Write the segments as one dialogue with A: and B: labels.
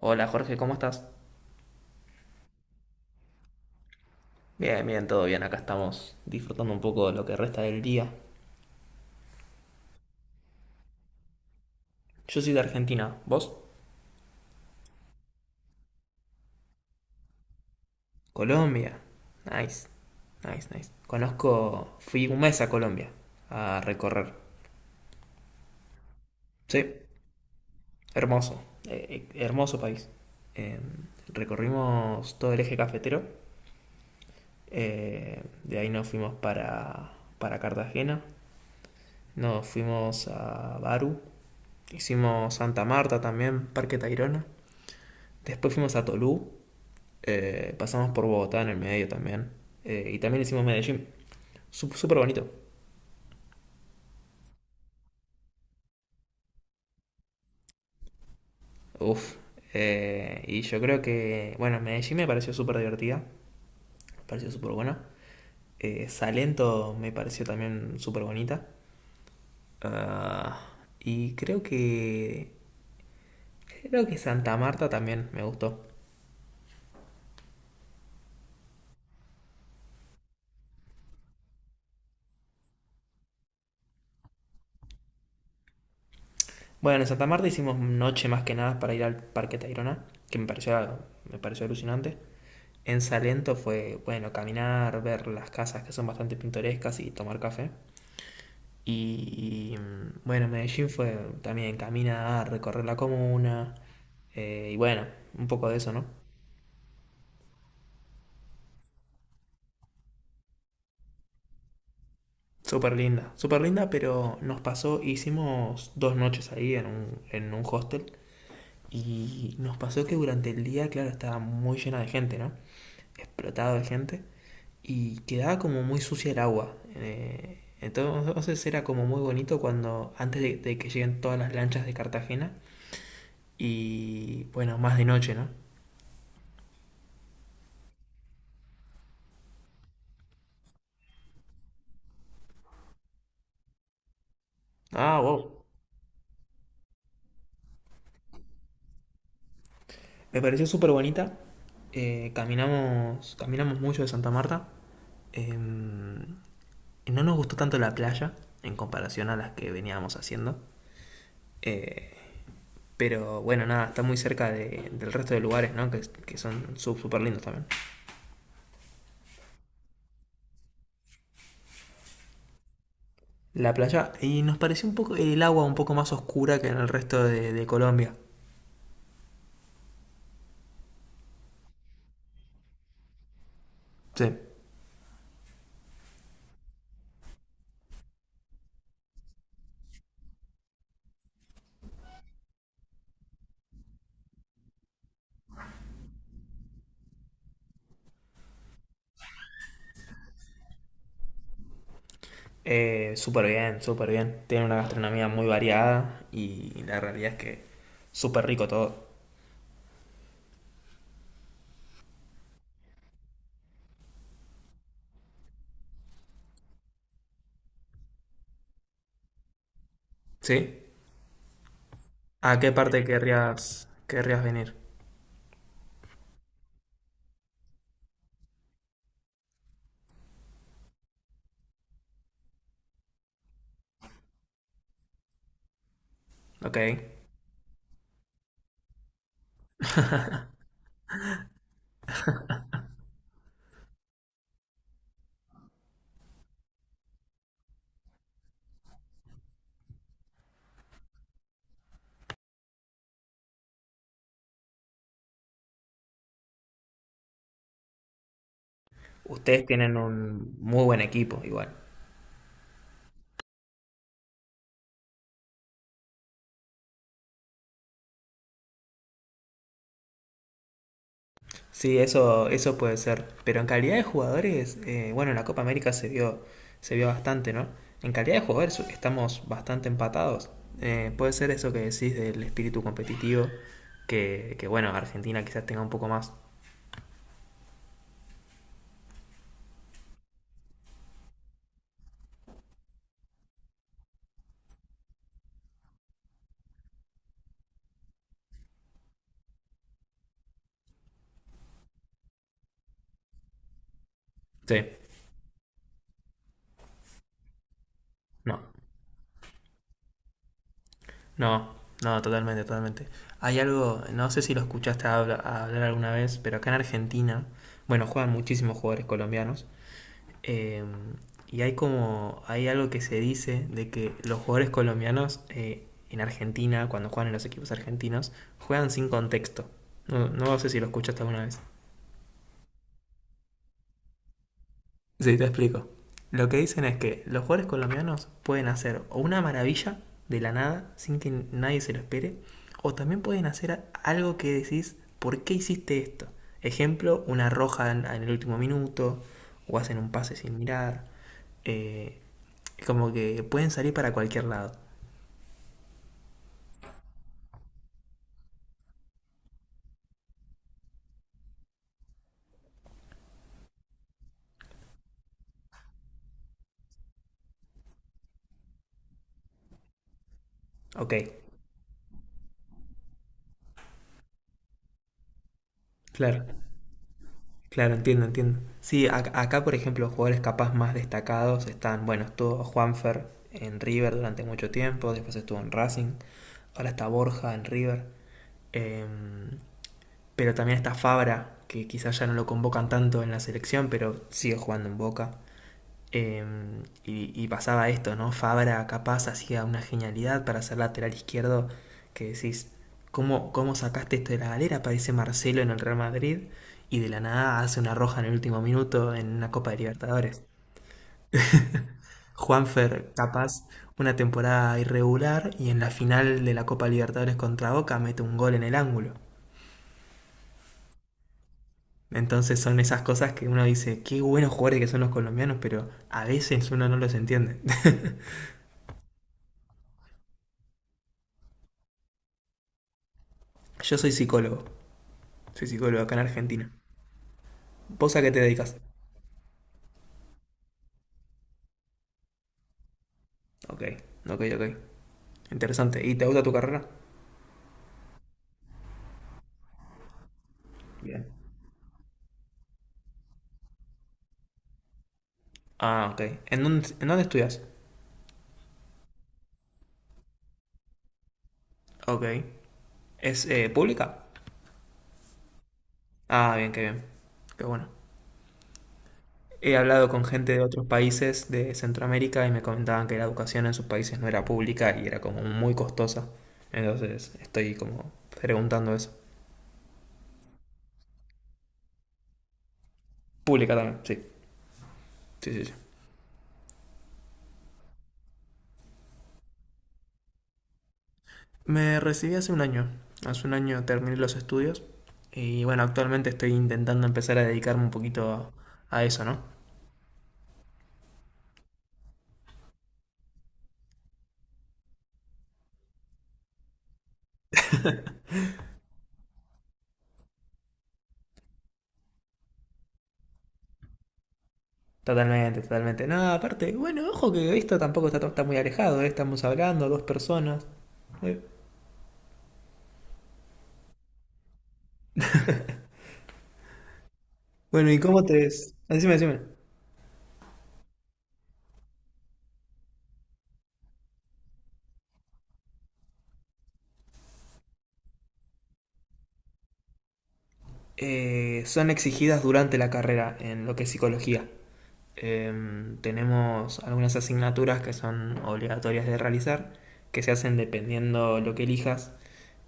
A: Hola Jorge, ¿cómo estás? Bien, bien, todo bien, acá estamos disfrutando un poco de lo que resta del día. Yo soy de Argentina, ¿vos? Colombia. Nice, nice, nice. Conozco, fui un mes a Colombia a recorrer. Sí, hermoso, hermoso país. Eh, recorrimos todo el eje cafetero, de ahí nos fuimos para Cartagena, nos fuimos a Baru, hicimos Santa Marta también, Parque Tayrona, después fuimos a Tolú. Pasamos por Bogotá en el medio también. Y también hicimos Medellín. Súper bonito. Uf. Y yo creo que, bueno, Medellín me pareció súper divertida. Me pareció súper buena. Salento me pareció también súper bonita. Ah, y creo creo que Santa Marta también me gustó. Bueno, en Santa Marta hicimos noche más que nada para ir al Parque Tayrona, que me me pareció alucinante. En Salento fue, bueno, caminar, ver las casas que son bastante pintorescas y tomar café. Y bueno, Medellín fue también caminar, recorrer la comuna. Y bueno, un poco de eso, ¿no? Súper linda, pero nos pasó, hicimos 2 noches ahí en en un hostel. Y nos pasó que durante el día, claro, estaba muy llena de gente, ¿no? Explotado de gente y quedaba como muy sucia el agua. Entonces era como muy bonito cuando antes de que lleguen todas las lanchas de Cartagena y bueno, más de noche, ¿no? Ah, wow. Me pareció súper bonita. Caminamos, caminamos mucho de Santa Marta. Em, y no nos gustó tanto la playa en comparación a las que veníamos haciendo. Eh, pero bueno, nada, está muy cerca del resto de lugares, ¿no? Que son súper lindos también. La playa y nos pareció un poco el agua un poco más oscura que en el resto de Colombia. Sí. Súper bien, súper bien. Tiene una gastronomía muy variada y la realidad es que súper rico todo. ¿Sí? ¿A qué parte querrías venir? Ok. Ustedes tienen un muy buen equipo, igual. Sí, eso puede ser. Pero en calidad de jugadores, bueno, en la Copa América se se vio bastante, ¿no? En calidad de jugadores estamos bastante empatados. Puede ser eso que decís del espíritu competitivo, que bueno, Argentina quizás tenga un poco más. Sí, no, no, no, totalmente, totalmente. Hay algo, no sé si lo escuchaste hablar alguna vez, pero acá en Argentina, bueno, juegan muchísimos jugadores colombianos. eh, y hay como, hay algo que se dice de que los jugadores colombianos en Argentina, cuando juegan en los equipos argentinos, juegan sin contexto. No, no sé si lo escuchaste alguna vez. Sí, te explico. Lo que dicen es que los jugadores colombianos pueden hacer o una maravilla de la nada sin que nadie se lo espere, o también pueden hacer algo que decís, ¿por qué hiciste esto? Ejemplo, una roja en el último minuto, o hacen un pase sin mirar. eh, Como que pueden salir para cualquier lado. Ok, claro. Claro, entiendo, entiendo. Sí, acá, por ejemplo, jugadores capaz más destacados están, bueno, estuvo Juanfer en River durante mucho tiempo, después estuvo en Racing, ahora está Borja en River, eh, pero también está Fabra, que quizás ya no lo convocan tanto en la selección, pero sigue jugando en Boca. Eh, y pasaba esto, ¿no? Fabra capaz hacía una genialidad para ser lateral izquierdo, que decís, cómo sacaste esto de la galera? Aparece Marcelo en el Real Madrid y de la nada hace una roja en el último minuto en una Copa de Libertadores. Juanfer, capaz, una temporada irregular y en la final de la Copa Libertadores contra Boca mete un gol en el ángulo. Entonces son esas cosas que uno dice, qué buenos jugadores que son los colombianos, pero a veces uno no los entiende. Yo soy psicólogo. Soy psicólogo acá en Argentina. ¿Vos a qué te dedicas? Ok, ok, ok. Interesante. ¿Y te gusta tu carrera? Bien. Ah, ok. ¿En en dónde estudias? Ok. ¿Es pública? Ah, bien. Qué bueno. He hablado con gente de otros países de Centroamérica y me comentaban que la educación en sus países no era pública y era como muy costosa. Entonces estoy como preguntando eso. Pública también, sí. Sí, sí, sí. Me recibí hace un año. Hace un año terminé los estudios y bueno, actualmente estoy intentando empezar a dedicarme un a eso, ¿no? Totalmente, totalmente. No, aparte, bueno, ojo que esto tampoco está muy alejado, ¿eh? Estamos hablando, dos personas. Eh, Bueno, ¿y cómo te...? Decime, decime. Son exigidas durante la carrera en lo que es psicología. Tenemos algunas asignaturas que son obligatorias de realizar, que se hacen dependiendo lo que elijas.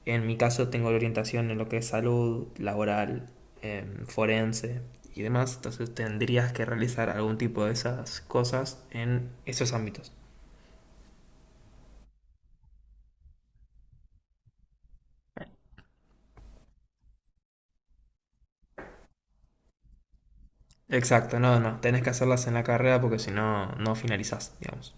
A: En mi caso tengo la orientación en lo que es salud, laboral, forense y demás, entonces tendrías que realizar algún tipo de esas cosas en esos ámbitos. Exacto, no, no, tenés que hacerlas en la carrera porque si no, no finalizás, digamos.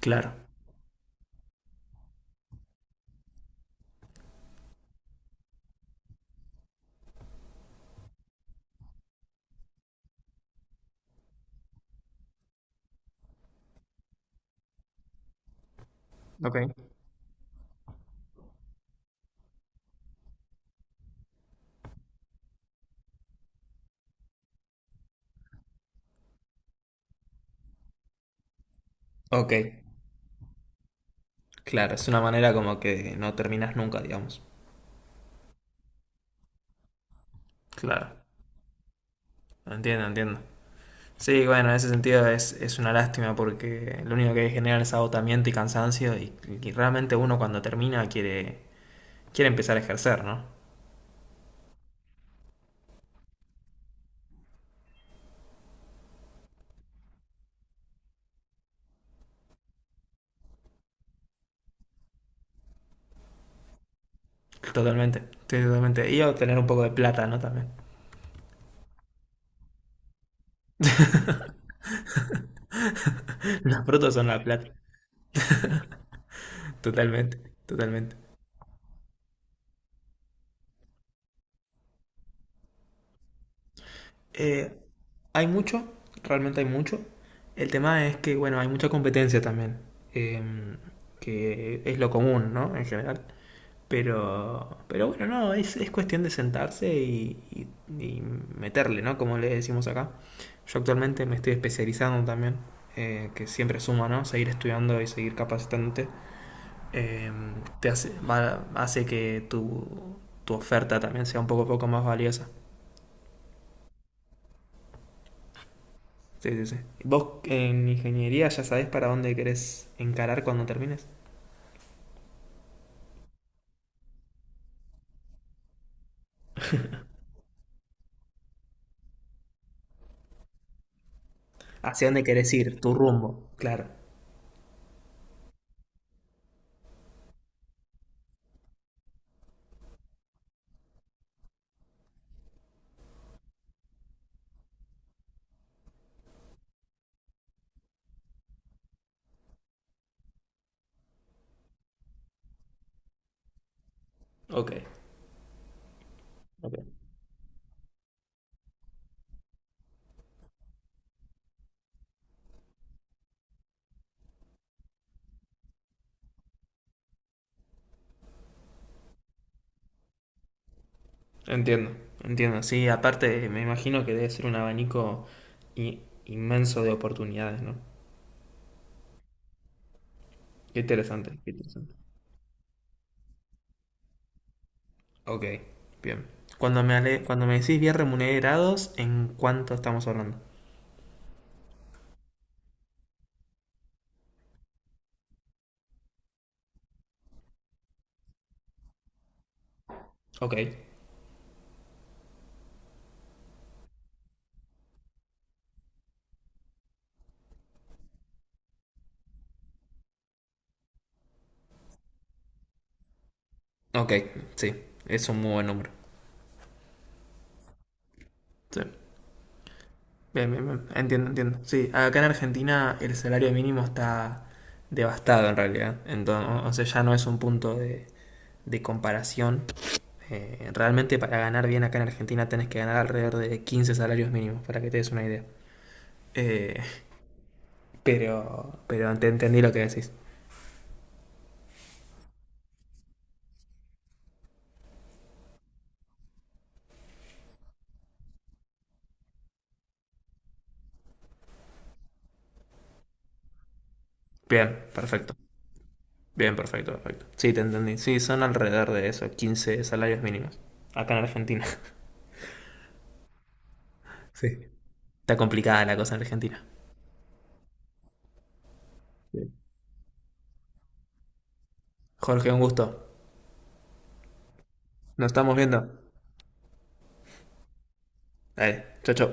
A: Claro. Ok. Ok, claro, es una manera como que no terminás nunca, digamos. Claro. Entiendo, entiendo. Sí, bueno, en ese sentido es una lástima porque lo único que genera es agotamiento y cansancio y realmente uno cuando termina quiere empezar a ejercer, ¿no? Totalmente, sí, totalmente. Y obtener un poco de plata, ¿no? También. Los frutos son la plata. Totalmente, totalmente. Eh, Hay mucho, realmente hay mucho. El tema es que, bueno, hay mucha competencia también. eh, que es lo común, ¿no? En general. Pero bueno, no, es cuestión de sentarse y meterle, ¿no? Como le decimos acá. Yo actualmente me estoy especializando también, que siempre suma, ¿no? Seguir estudiando y seguir capacitándote. eh, Te hace, hace que tu oferta también sea un poco más valiosa. Sí, sí, sí. ¿Vos en ingeniería ya sabés para dónde querés encarar cuando termines? ¿Hacia dónde querés ir? Tu rumbo, claro. Ok, ok. Entiendo, entiendo. Sí, aparte me imagino que debe ser un abanico inmenso de oportunidades, ¿no? Qué interesante, qué interesante. Ok, bien. Cuando me, cuando me decís bien remunerados, ¿en cuánto estamos hablando? Ok. Ok, sí, es un muy buen número. Sí. Bien, bien, bien. Entiendo, entiendo. Sí, acá en Argentina el salario mínimo está devastado en realidad. Entonces, o sea, ya no es un punto de comparación. Realmente para ganar bien acá en Argentina tenés que ganar alrededor de 15 salarios mínimos, para que te des una idea. Eh, pero pero te entendí lo que decís. Bien, perfecto. Bien, perfecto, perfecto. Sí, te entendí. Sí, son alrededor de eso, 15 salarios mínimos. Acá en Argentina. Sí. Está complicada la cosa en Argentina. Jorge, un gusto. Nos estamos viendo. Dale, chau, chau.